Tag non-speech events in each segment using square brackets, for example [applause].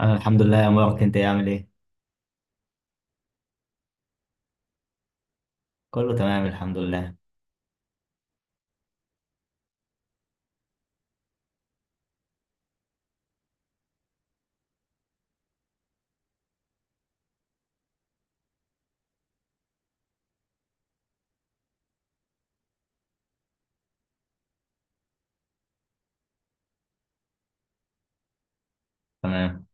انا الحمد لله يا مبارك، انت إيه؟ عامل ايه؟ كله تمام الحمد لله. تمام.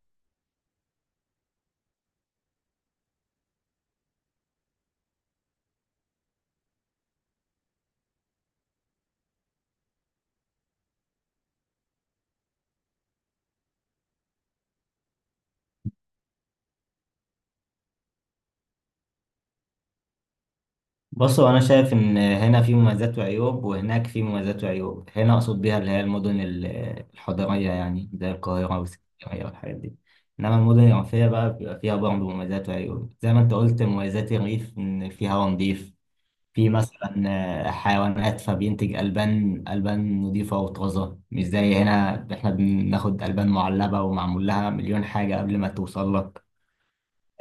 بصوا، انا شايف ان هنا في مميزات وعيوب وهناك في مميزات وعيوب. هنا اقصد بيها اللي هي المدن الحضريه يعني زي القاهره والاسكندريه والحاجات دي. انما المدن الريفيه بقى بيبقى فيها برضه مميزات وعيوب. زي ما انت قلت، مميزات الريف ان في هواء نظيف، في مثلا حيوانات فبينتج البان. البان نظيفه وطازه، مش زي هنا احنا بناخد البان معلبه ومعمول لها مليون حاجه قبل ما توصل لك.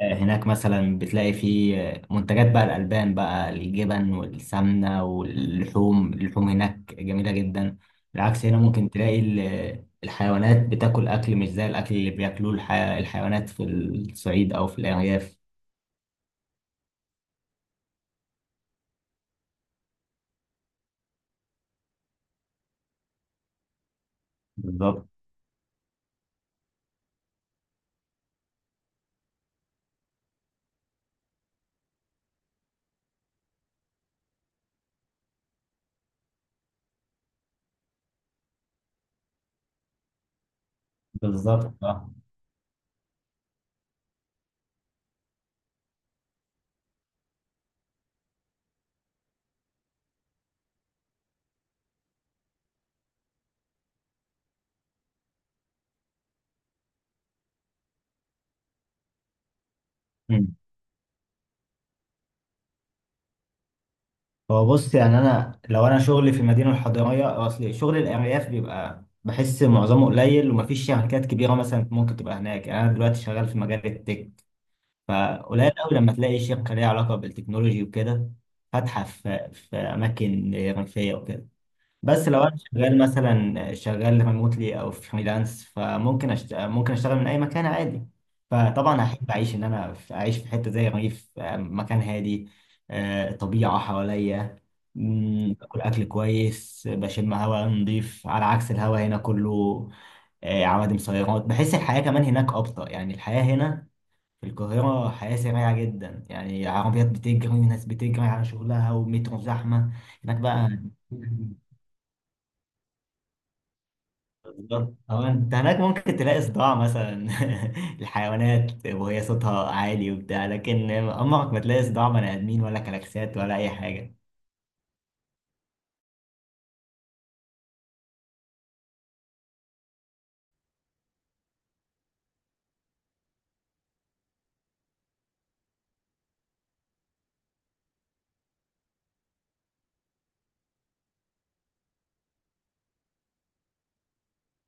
هناك مثلا بتلاقي فيه منتجات بقى الألبان، بقى الجبن والسمنة واللحوم. اللحوم هناك جميلة جدا. بالعكس هنا ممكن تلاقي الحيوانات بتاكل أكل مش زي الأكل اللي بياكلوه الحيوانات في الصعيد أو في الأرياف. بالظبط. بالظبط آه. مم. هو بص، يعني أنا لو أنا شغلي في المدينة الحضرية، أصل شغل الأرياف بيبقى بحس معظمه قليل ومفيش شركات كبيرة مثلا ممكن تبقى هناك. يعني أنا دلوقتي شغال في مجال التك، فقليل قوي لما تلاقي شركة ليها علاقة بالتكنولوجي وكده فاتحة في أماكن ريفية وكده. بس لو أنا شغال مثلا، شغال ريموتلي أو فريلانس، فممكن ممكن أشتغل من أي مكان عادي. فطبعا هحب أعيش إن أنا أعيش في حتة زي الريف، مكان هادي، طبيعة حواليا، باكل أكل كويس، بشم هواء نضيف على عكس الهواء هنا كله عوادم سيارات. بحس الحياة كمان هناك أبطأ، يعني الحياة هنا في القاهرة حياة سريعة جدا، يعني عربيات بتجري وناس بتجري على شغلها ومترو زحمة. هناك بقى بالظبط. أو أنت هناك ممكن تلاقي صداع مثلا [laughs] الحيوانات وهي صوتها عالي وبتاع، لكن عمرك ما تلاقي صداع بني آدمين ولا كلاكسات ولا أي حاجة.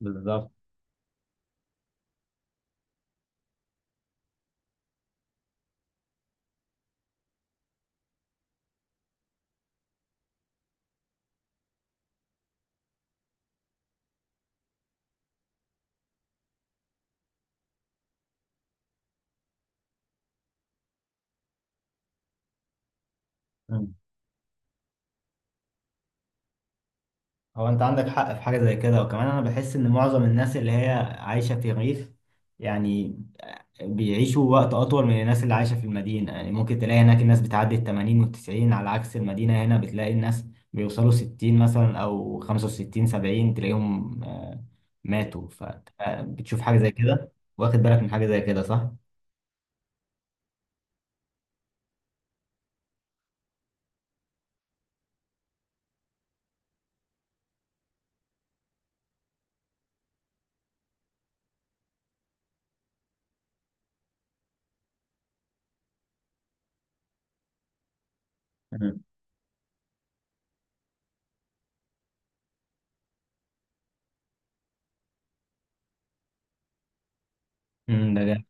بالظبط. مم. هو أنت عندك حق في حاجة زي كده، وكمان أنا بحس إن معظم الناس اللي هي عايشة في الريف، يعني بيعيشوا وقت أطول من الناس اللي عايشة في المدينة. يعني ممكن تلاقي هناك الناس بتعدي التمانين والتسعين، على عكس المدينة هنا بتلاقي الناس بيوصلوا ستين مثلا أو خمسة وستين، سبعين تلاقيهم ماتوا. فبتشوف حاجة زي كده. واخد بالك من حاجة زي كده، صح؟ مم. امم، ده جامد.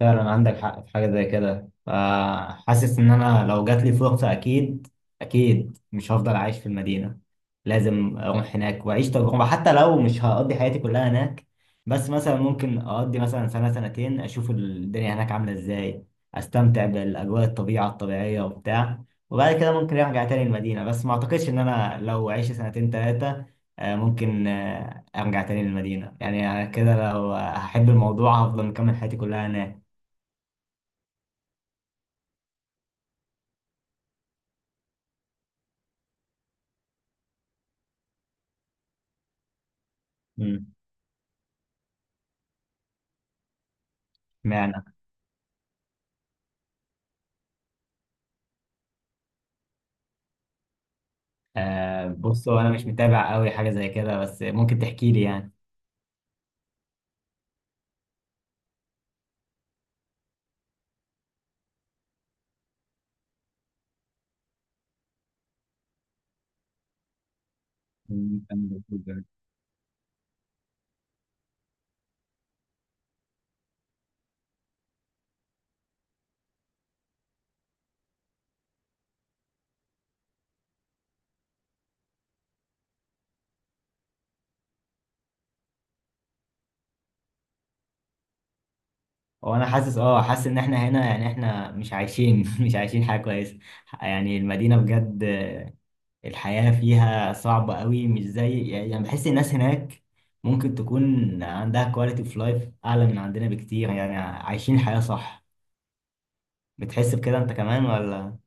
فعلا عندك حق في حاجة زي كده. فحاسس إن أنا لو جات لي فرصة، أكيد أكيد مش هفضل عايش في المدينة. لازم أروح هناك وأعيش تجربة حتى لو مش هقضي حياتي كلها هناك. بس مثلا ممكن أقضي مثلا سنة سنتين، أشوف الدنيا هناك عاملة إزاي، أستمتع بالأجواء الطبيعة الطبيعية وبتاع. وبعد كده ممكن أرجع تاني المدينة. بس ما أعتقدش إن أنا لو عشت سنتين تلاتة، ممكن أرجع تاني للمدينة. يعني أنا كده لو هحب الموضوع هفضل مكمل حياتي كلها هناك. مم. معنى آه، بص، هو انا مش متابع قوي حاجه زي كده، بس ممكن تحكي لي يعني. مم، أنا موجود يعني. هو انا حاسس، اه حاسس ان احنا هنا يعني احنا مش عايشين [laughs] مش عايشين حاجه كويسه. يعني المدينه بجد الحياه فيها صعبه قوي، مش زي يعني، بحس الناس هناك ممكن تكون عندها كواليتي اوف لايف اعلى من عندنا بكتير، يعني عايشين الحياه صح. بتحس بكده انت كمان ولا؟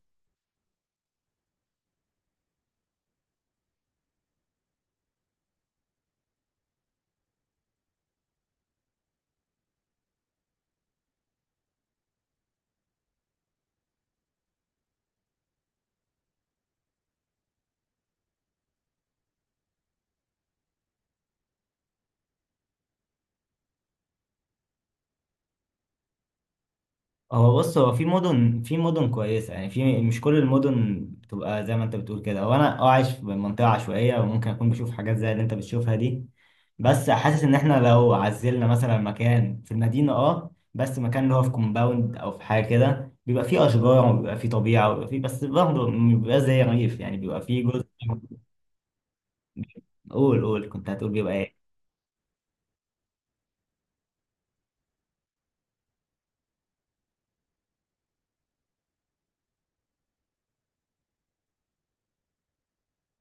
هو بص، هو في مدن، في مدن كويسة، يعني في مش كل المدن بتبقى زي ما انت بتقول كده. هو انا اه عايش في منطقة عشوائية وممكن اكون بشوف حاجات زي اللي انت بتشوفها دي. بس حاسس ان احنا لو عزلنا مثلا مكان في المدينة، اه بس مكان اللي هو في كومباوند او في حاجة كده، بيبقى فيه اشجار وبيبقى فيه طبيعة وبيبقى فيه، بس برضه بيبقى زي ريف، يعني بيبقى فيه جزء. قول قول، كنت هتقول بيبقى إيه؟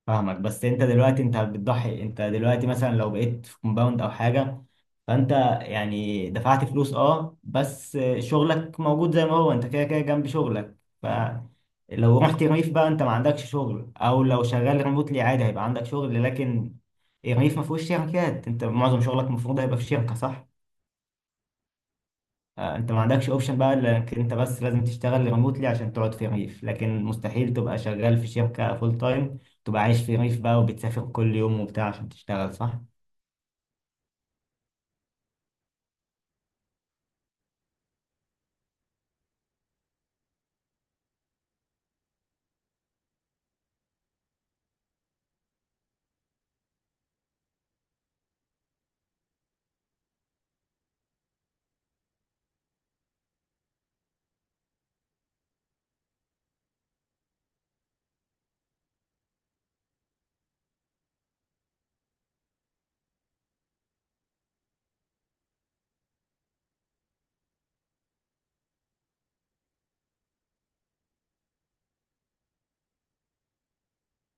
فاهمك. بس انت دلوقتي انت بتضحي. انت دلوقتي مثلا لو بقيت في كومباوند او حاجه، فانت يعني دفعت فلوس، اه بس شغلك موجود زي ما هو، انت كده كده جنب شغلك. فلو رحت ريف بقى، انت ما عندكش شغل، او لو شغال ريموتلي عادي هيبقى عندك شغل، لكن الريف ما فيهوش شركات. انت معظم شغلك المفروض هيبقى في شركه، صح؟ انت ما عندكش اوبشن بقى، لانك انت بس لازم تشتغل ريموتلي عشان تقعد في ريف، لكن مستحيل تبقى شغال في شركة فول تايم، تبقى عايش في ريف بقى وبتسافر كل يوم وبتاع عشان تشتغل، صح؟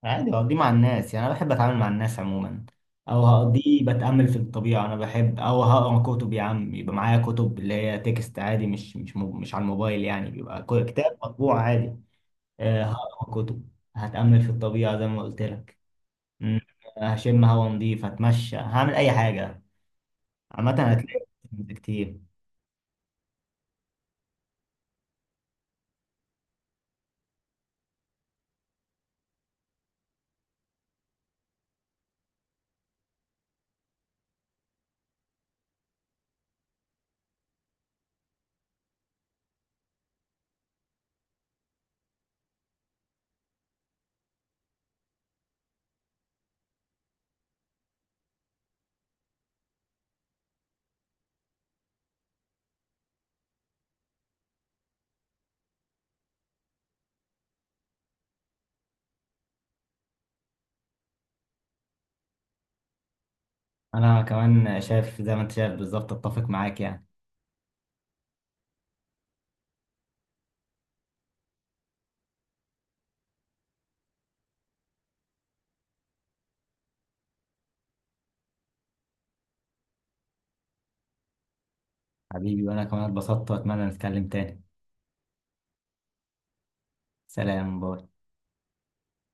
عادي، هقضيه مع الناس يعني انا بحب اتعامل مع الناس عموما، او هقضيه بتأمل في الطبيعة. انا بحب، او هقرا كتب يا عم. يبقى معايا كتب اللي هي تكست عادي، مش على الموبايل، يعني بيبقى كتاب مطبوع عادي. هقرا كتب، هتأمل في الطبيعة زي ما قلت لك. مم، هشم هوا نضيف، هتمشى، هعمل اي حاجة عامة هتلاقي كتير. أنا كمان شايف زي ما أنت شايف بالظبط، أتفق معاك يعني. حبيبي، وأنا كمان اتبسطت وأتمنى نتكلم تاني. سلام، باي.